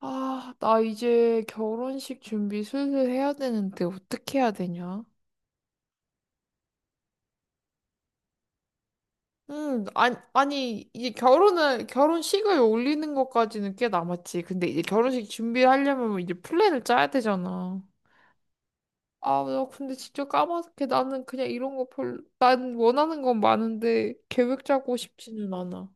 아, 나 이제 결혼식 준비 슬슬 해야 되는데 어떻게 해야 되냐? 아니, 아니, 이제 결혼식을 올리는 것까지는 꽤 남았지. 근데 이제 결혼식 준비하려면 이제 플랜을 짜야 되잖아. 아, 나 근데 진짜 까맣게 나는 그냥 이런 거 난 원하는 건 많은데 계획 짜고 싶지는 않아.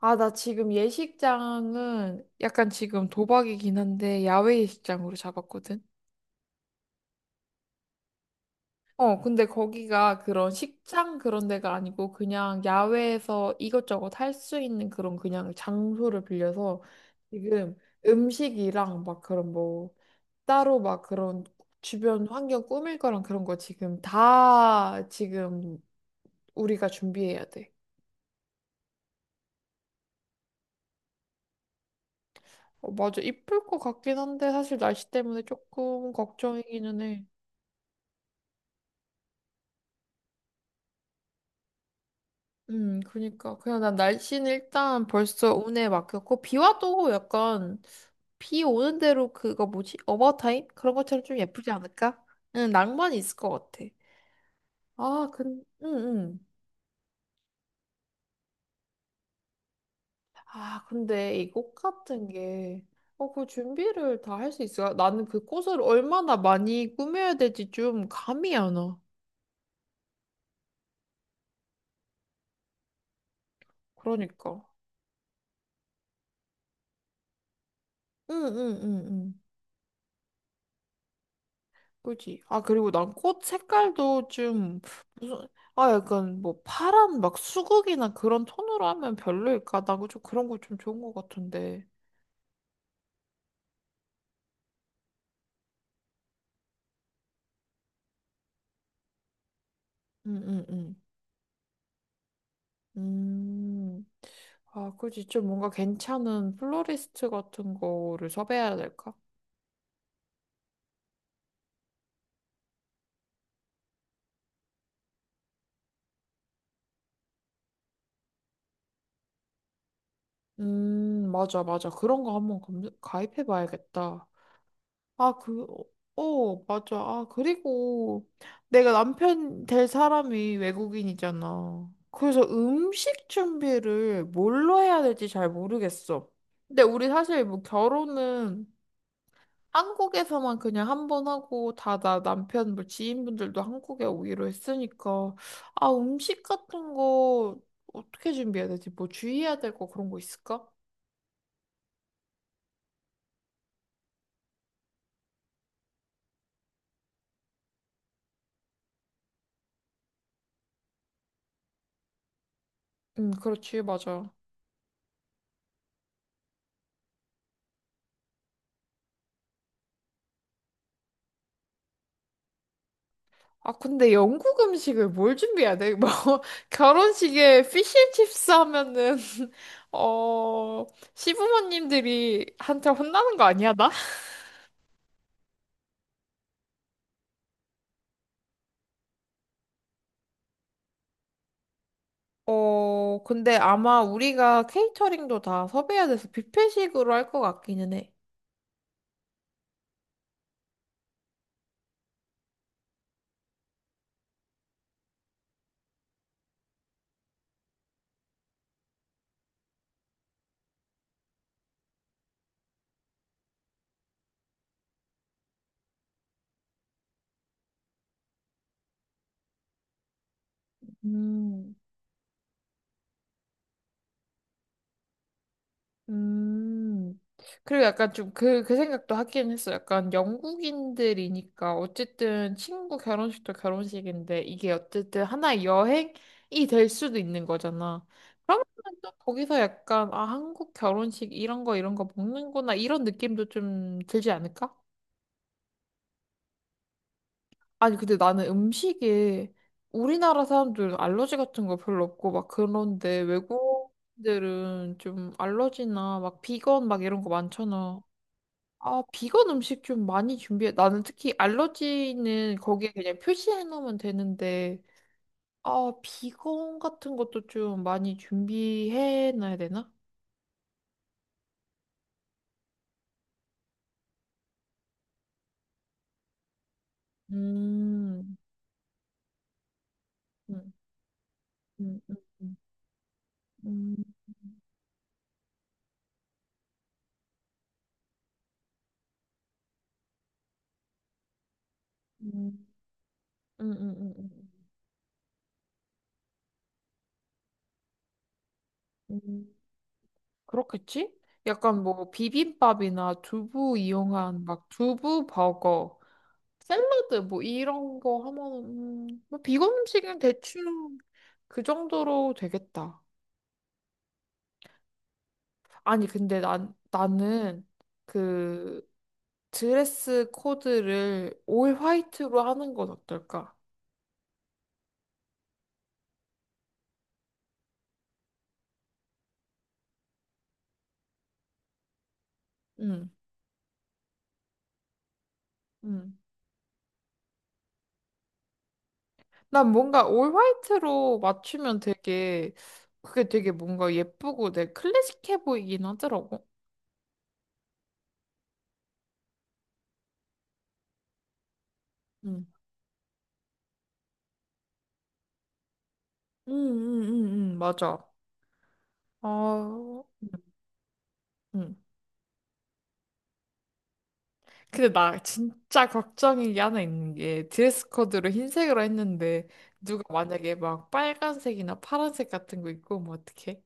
아, 나 지금 예식장은 약간 지금 도박이긴 한데 야외 예식장으로 잡았거든. 어, 근데 거기가 그런 식장 그런 데가 아니고 그냥 야외에서 이것저것 할 수 있는 그런 그냥 장소를 빌려서 지금 음식이랑 막 그런 뭐 따로 막 그런 주변 환경 꾸밀 거랑 그런 거 지금 다 지금 우리가 준비해야 돼. 어, 맞아. 이쁠 것 같긴 한데 사실 날씨 때문에 조금 걱정이기는 해. 그니까. 그냥 난 날씨는 일단 벌써 운에 맡겼고, 비 와도 약간, 비 오는 대로 그거 뭐지? 어바웃타임? 그런 것처럼 좀 예쁘지 않을까? 응, 낭만이 있을 것 같아. 아, 응, 응. 아, 근데 이 꽃 같은 게, 그 준비를 다 할 수 있어? 나는 그 꽃을 얼마나 많이 꾸며야 될지 좀 감이 안 와. 그러니까. 응, 응, 응, 응. 그지? 아, 그리고 난 꽃 색깔도 좀, 무슨, 아, 약간 뭐 파란 막 수국이나 그런 톤으로 하면 별로일까? 나도 좀 그런 거 좀 좋은 것 같은데. 응, 응, 응. 음, 아, 그지? 좀 뭔가 괜찮은 플로리스트 같은 거를 섭외해야 될까? 맞아, 맞아. 그런 거 한번 검 가입해 봐야겠다. 아, 맞아. 아, 그리고 내가 남편 될 사람이 외국인이잖아. 그래서 음식 준비를 뭘로 해야 될지 잘 모르겠어. 근데 우리 사실 뭐 결혼은 한국에서만 그냥 한번 하고 다 나 남편 뭐 지인분들도 한국에 오기로 했으니까 아, 음식 같은 거 어떻게 준비해야 되지? 뭐 주의해야 될 거 그런 거 있을까? 응, 그렇지, 맞아. 아, 근데 영국 음식을 뭘 준비해야 돼? 뭐, 결혼식에 피쉬앤칩스 하면은, 어, 시부모님들이 한테 혼나는 거 아니야, 나? 어, 근데 아마 우리가 케이터링도 다 섭외해야 돼서 뷔페식으로 할 것 같기는 해. 음. 음. 그리고 약간 좀 그 생각도 하긴 했어. 약간 영국인들이니까 어쨌든 친구 결혼식도 결혼식인데 이게 어쨌든 하나의 여행이 될 수도 있는 거잖아. 그러면 또 거기서 약간 아, 한국 결혼식 이런 거 이런 거 먹는구나 이런 느낌도 좀 들지 않을까? 아니, 근데 나는 음식에 우리나라 사람들은 알러지 같은 거 별로 없고 막 그런데 외국 인 들은 좀 알러지나 막 비건 막 이런 거 많잖아. 아, 비건 음식 좀 많이 준비해. 나는 특히 알러지는 거기에 그냥 표시해 놓으면 되는데, 아, 비건 같은 것도 좀 많이 준비해 놔야 되나? 음, 음, 음, 음, 음, 음, 음, 음, 음, 음, 음. 그렇겠지? 약간 뭐 비빔밥이나 두부 이용한 막 두부 버거, 샐러드 뭐 이런 거 하면, 뭐 비건 음식은 대충 그 정도로 되겠다. 아니, 근데 나는 그 드레스 코드를 올 화이트로 하는 건 어떨까? 응, 응. 난 뭔가 올 화이트로 맞추면 되게, 그게 되게 뭔가 예쁘고 내 클래식해 보이긴 하더라고. 응, 응, 응, 응, 응, 맞아. 아, 응. 근데 나 진짜 걱정이 하나 있는 게 드레스 코드로 흰색으로 했는데 누가 만약에 막 빨간색이나 파란색 같은 거 입고 오면 어떡해?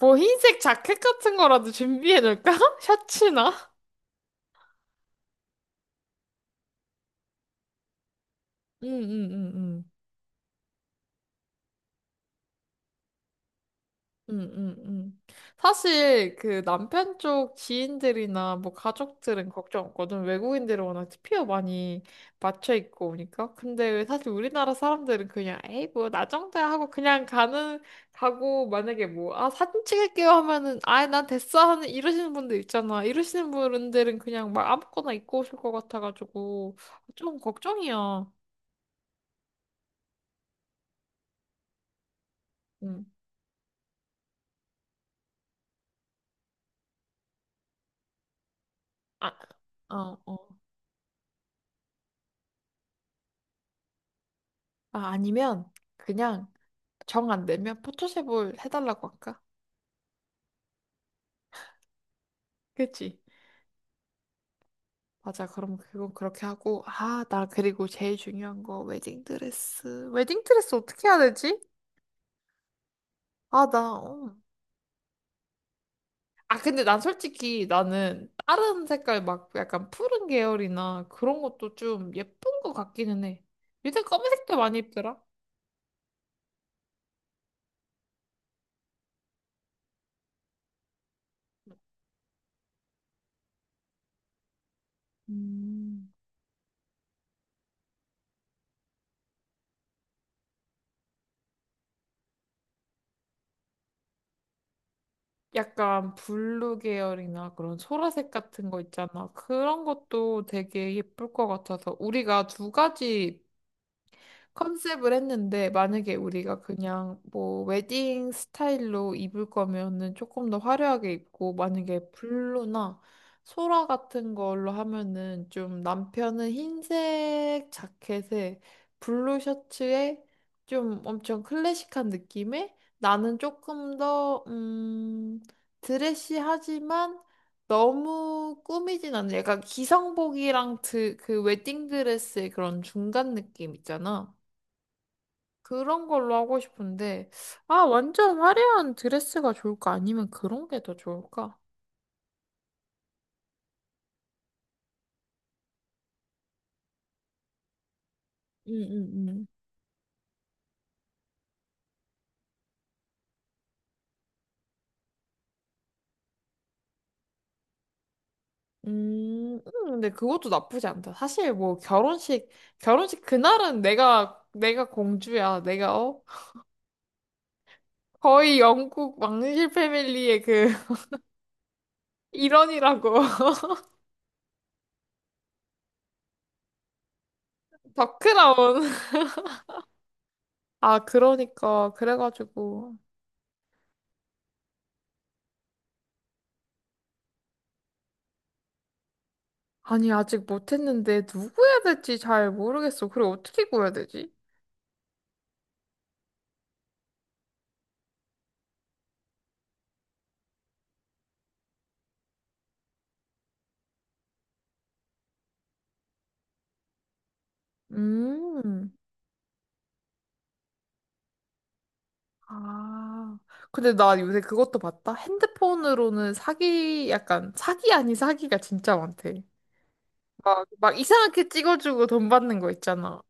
뭐 흰색 자켓 같은 거라도 준비해둘까 셔츠나? 응응응응. 응응응. 사실 그 남편 쪽 지인들이나 뭐 가족들은 걱정 없거든. 외국인들은 워낙 티피어 많이 맞춰 입고 오니까. 근데 왜 사실 우리나라 사람들은 그냥 에이 뭐 나 정도야 하고 그냥 가는 가고 만약에 뭐 아 사진 찍을게요 하면은 아이 난 됐어 하는 이러시는 분들 있잖아. 이러시는 분들은 그냥 막 아무거나 입고 오실 것 같아가지고 좀 걱정이야. 응. 아, 어, 어. 아, 아니면 그냥 정 안 되면 포토샵을 해달라고 할까? 그치? 맞아. 그럼 그건 그렇게 하고. 아, 나 그리고 제일 중요한 거 웨딩 드레스. 웨딩 드레스 어떻게 해야 되지? 아, 나. 어. 아, 근데 난 솔직히 나는 다른 색깔 막 약간 푸른 계열이나 그런 것도 좀 예쁜 것 같기는 해. 요새 검은색도 많이 입더라. 음. 약간 블루 계열이나 그런 소라색 같은 거 있잖아. 그런 것도 되게 예쁠 것 같아서 우리가 두 가지 컨셉을 했는데 만약에 우리가 그냥 뭐 웨딩 스타일로 입을 거면은 조금 더 화려하게 입고 만약에 블루나 소라 같은 걸로 하면은 좀 남편은 흰색 자켓에 블루 셔츠에 좀 엄청 클래식한 느낌에 나는 조금 더, 드레시하지만 너무 꾸미진 않는 약간 기성복이랑 그 웨딩드레스의 그런 중간 느낌 있잖아. 그런 걸로 하고 싶은데, 아, 완전 화려한 드레스가 좋을까? 아니면 그런 게 더 좋을까? 음, 음, 음, 근데 그것도 나쁘지 않다. 사실 뭐 결혼식 그날은 내가 공주야. 내가, 어? 거의 영국 왕실 패밀리의 일원이라고. 덕크라운. 아, 그러니까. 그래가지고. 아니, 아직 못했는데, 누구 해야 될지 잘 모르겠어. 그리고 어떻게 구해야 되지? 음. 아, 근데 나 요새 그것도 봤다. 핸드폰으로는 사기, 약간 사기 아닌 사기가 진짜 많대. 막 이상하게 찍어주고 돈 받는 거 있잖아.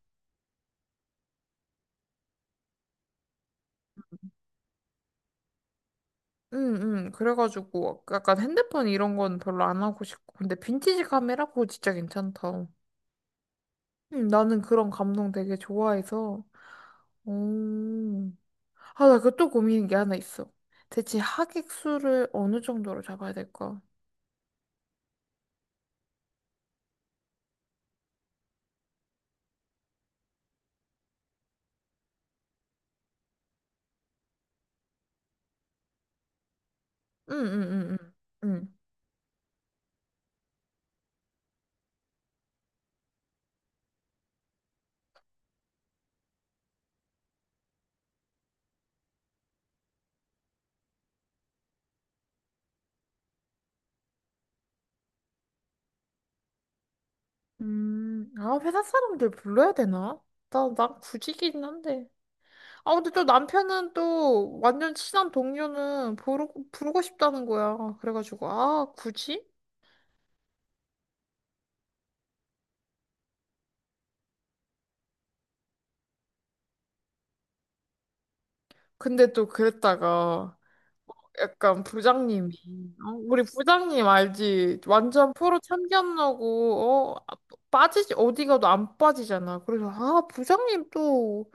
응, 응. 그래가지고 약간 핸드폰 이런 건 별로 안 하고 싶고. 근데 빈티지 카메라 그거 진짜 괜찮다. 응, 나는 그런 감성 되게 좋아해서. 오. 아, 나 그것도 고민인 게 하나 있어. 대체 하객 수를 어느 정도로 잡아야 될까? 응, 응, 응, 응. 응. 아, 회사 사람들 불러야 되나? 난 굳이긴 한데. 아, 근데 또 남편은 또 완전 친한 동료는 부르고 싶다는 거야. 그래가지고, 아, 굳이? 근데 또 그랬다가, 약간 부장님이 어? 우리 부장님 알지? 완전 프로 참견하고 빠지지 어디 가도 안 빠지잖아. 그래서 아 부장님 또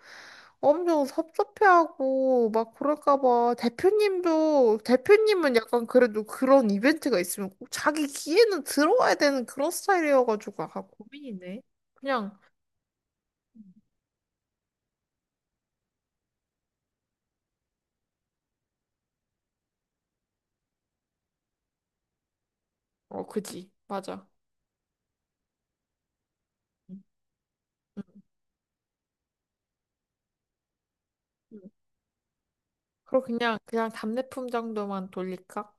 엄청 섭섭해하고 막 그럴까 봐 대표님도 대표님은 약간 그래도 그런 이벤트가 있으면 꼭 자기 기회는 들어와야 되는 그런 스타일이어가지고 아 고민이네. 그냥 어 그지 맞아. 응, 응, 응. 그럼 그냥 답례품 정도만 돌릴까?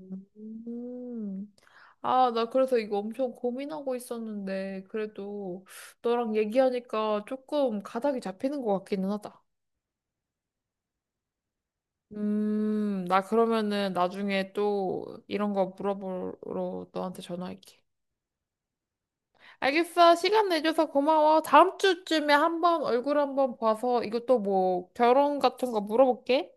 음. 아, 나 그래서 이거 엄청 고민하고 있었는데, 그래도 너랑 얘기하니까 조금 가닥이 잡히는 것 같기는 하다. 나 그러면은 나중에 또 이런 거 물어보러 너한테 전화할게. 알겠어. 시간 내줘서 고마워. 다음 주쯤에 한번 얼굴 한번 봐서 이것도 뭐 결혼 같은 거 물어볼게.